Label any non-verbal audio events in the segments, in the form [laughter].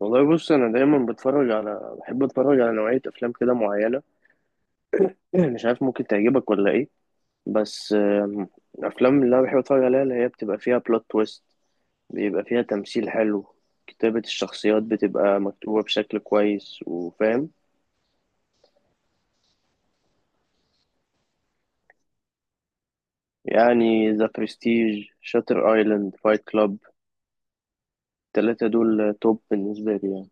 والله بص انا دايما بتفرج على بحب اتفرج على نوعيه افلام كده معينه. [clears throat] مش عارف ممكن تعجبك ولا ايه؟ بس الافلام اللي انا بحب اتفرج عليها اللي هي بتبقى فيها بلوت تويست، بيبقى فيها تمثيل حلو، كتابه الشخصيات بتبقى مكتوبه بشكل كويس وفاهم. يعني ذا برستيج، شاتر ايلاند، فايت كلاب، التلاتة دول توب بالنسبه لي يعني.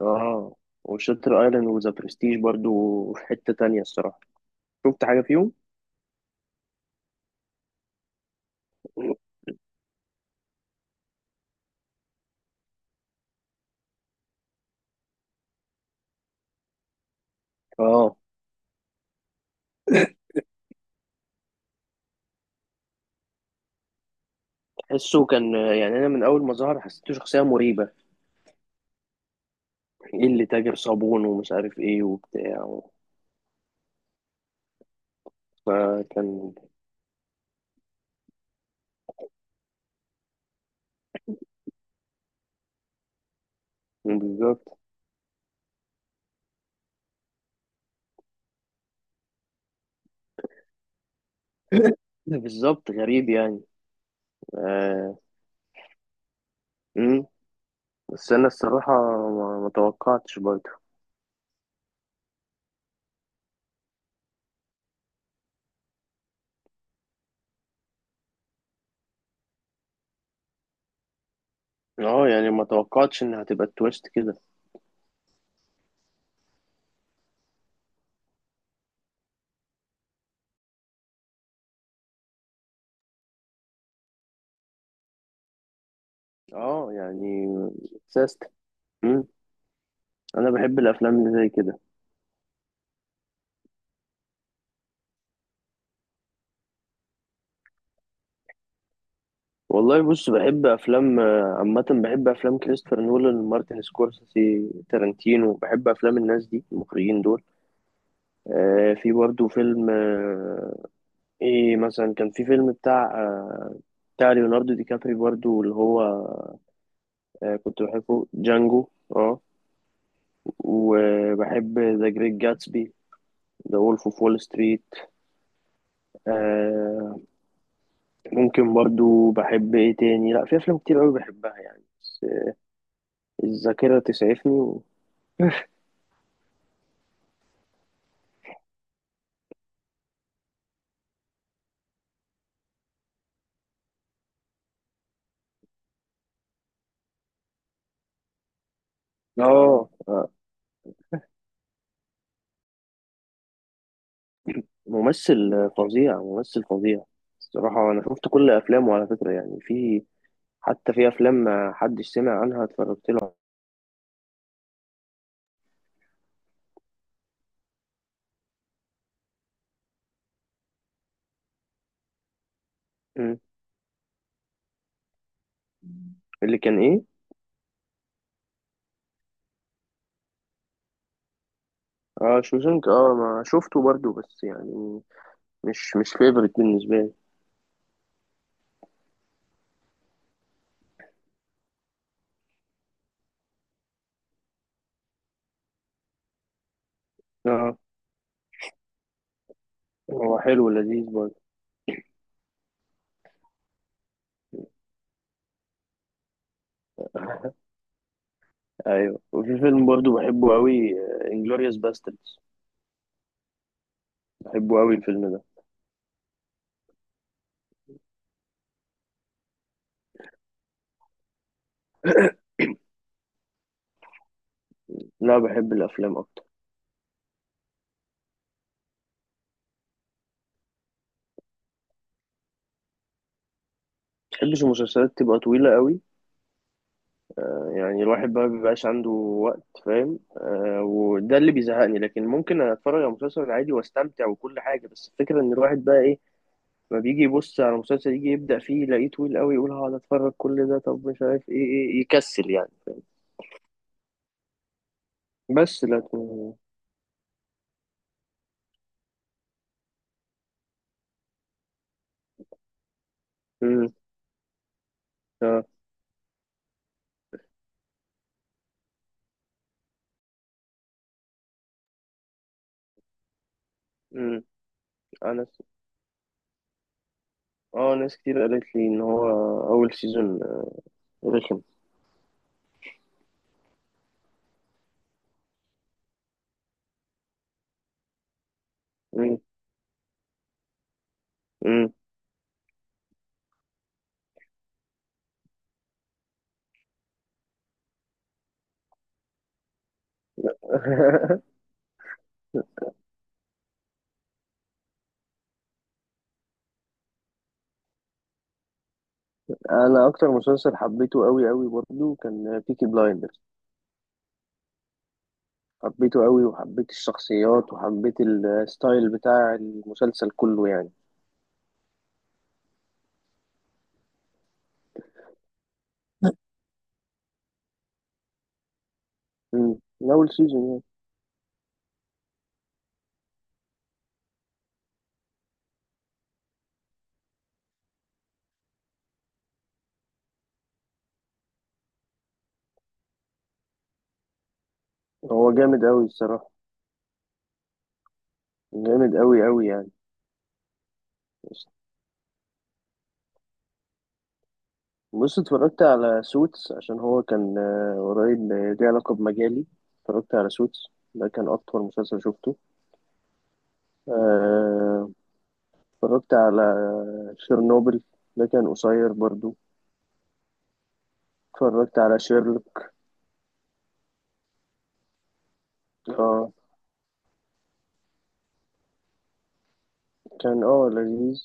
اه، وشاتر ايلاند وذا برستيج برضو في حته تانية الصراحه، شفت حاجه فيهم. [clears throat] اه، حسه كان، يعني انا من اول ما ظهر حسيته شخصيه مريبه. ايه اللي تاجر صابون ومش عارف ايه وبتاع و فكان بالظبط. [laughs] بالظبط، غريب يعني. آه. مم. بس انا الصراحه ما توقعتش برضه. اه، يعني ما توقعتش انها هتبقى التويست كده. اه، يعني ساست. مم. انا بحب الافلام اللي زي كده. والله بص، بحب افلام عامه، بحب افلام كريستوفر نولان، مارتن سكورسيزي، تارانتينو. بحب افلام الناس دي، المخرجين دول. في برضه فيلم، ايه مثلا، كان في فيلم بتاع ليوناردو دي كابري برضه اللي هو. آه، كنت بحبه جانجو. اه، وبحب ذا جريت جاتسبي، ذا وولف اوف وول ستريت. آه، ممكن برضه بحب ايه تاني؟ لا، في افلام كتير قوي بحبها يعني بس الذاكرة تسعفني و. اه، ممثل فظيع، ممثل فظيع. الصراحة أنا شفت كل أفلامه على فكرة، يعني في، حتى في أفلام ما حدش سمع عنها اتفرجت له. مم. اللي كان ايه؟ اه، شوزنك. اه، ما شفته برضو بس يعني مش فيفرت بالنسبه لي. اه، هو حلو ولذيذ برضو. ايوه، وفي فيلم برضو بحبه قوي، انجلوريوس باستردز، بحبه قوي الفيلم ده. لا، بحب الافلام اكتر. ما بحبش المسلسلات تبقى طويله قوي، يعني الواحد بقى بيبقاش عنده وقت، فاهم؟ وده اللي بيزهقني، لكن ممكن اتفرج على مسلسل عادي واستمتع وكل حاجه. بس الفكره ان الواحد بقى ايه؟ فبيجي يبص على مسلسل، يجي يبدأ فيه يلاقيه طويل قوي، يقول هقعد اتفرج كل ده؟ طب مش عارف ايه، يكسل يعني. بس لكن. امم اه، امم انا س- اه، ناس كتير قالت لي ان هو اول سيزون رخم. مم. مم. [laughs] انا اكتر مسلسل حبيته قوي قوي برضه كان بيكي بلايندرز، حبيته قوي وحبيت الشخصيات وحبيت الستايل بتاع المسلسل كله يعني. مم. من اول سيزون. يعني هو جامد قوي الصراحة، جامد قوي قوي يعني. بص، اتفرجت على سوتس عشان هو كان قريب، ليه علاقة بمجالي. اتفرجت على سوتس، ده كان أطول مسلسل شفته. آه، اتفرجت على شيرنوبل، ده كان قصير برضو. اتفرجت على شيرلوك، اه كان لذيذ.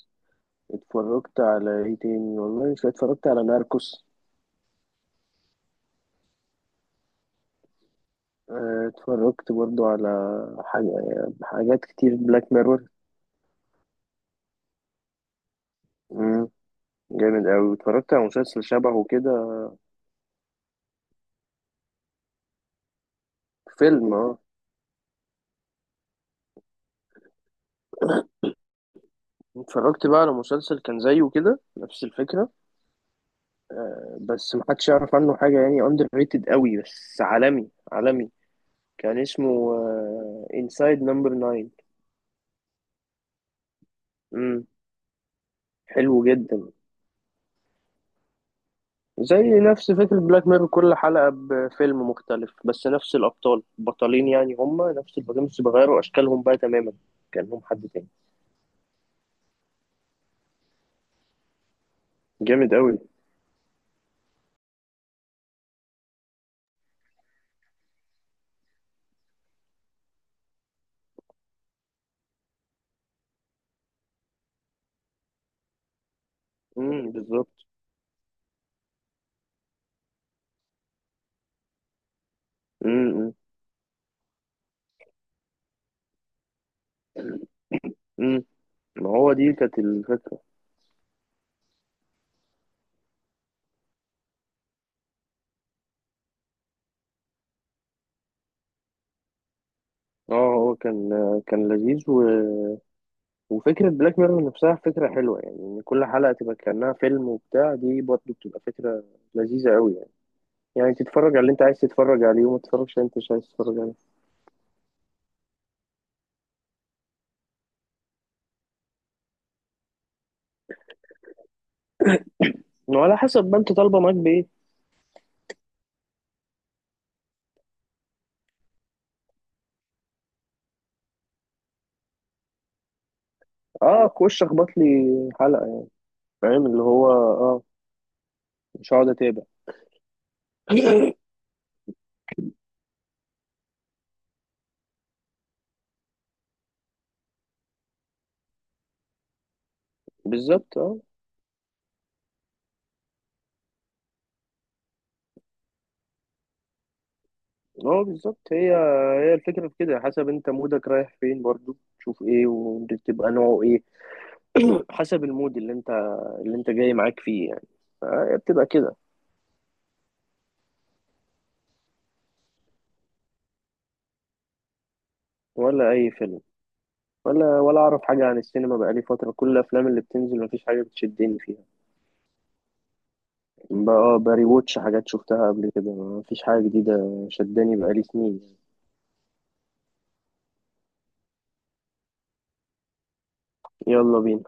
اتفرجت على ايه تاني؟ والله، مش اتفرجت على ناركوس. اتفرجت برضو على حاجة حاجات كتير، بلاك ميرور جامد أوي. اتفرجت على مسلسل شبهه كده، فيلم. اه، اتفرجت بقى على مسلسل كان زيه كده نفس الفكرة، بس محدش يعرف عنه حاجة يعني، اندر ريتد قوي بس عالمي عالمي. كان اسمه انسايد نمبر 9. امم حلو جدا. زي نفس فكرة بلاك ميرور، كل حلقة بفيلم مختلف بس نفس الأبطال، البطلين يعني هما نفس البطلين بس بيغيروا أشكالهم بقى تماما، كأنهم حد تاني. جامد قوي. بالظبط. امم امم أمم. ما هو دي كانت الفكرة. اه، هو كان لذيذ. وفكرة بلاك ميرور نفسها فكرة حلوة، يعني إن كل حلقة تبقى كأنها فيلم وبتاع، دي برضه بتبقى فكرة لذيذة أوي يعني. يعني تتفرج على اللي أنت عايز تتفرج عليه وما تتفرجش على اللي أنت مش عايز تتفرج عليه، وعلى حسب ما أنت طالبة معاك بإيه. أه، خش أخبط لي حلقة يعني، فاهم اللي هو، مش هقعد أتابع. [coughs] [clears throat] بالظبط. أه، أه بالظبط. هي الفكرة في كده، حسب أنت مودك رايح فين برضه تشوف إيه وتبقى نوعه إيه. [clears throat] حسب المود اللي أنت جاي معاك فيه يعني، فهي بتبقى كده. ولا أي فيلم، ولا اعرف حاجه عن السينما بقالي فتره، كل الافلام اللي بتنزل مفيش حاجه بتشدني فيها. بري ووتش حاجات شفتها قبل كده، مفيش حاجه جديده شداني بقالي سنين. يلا بينا.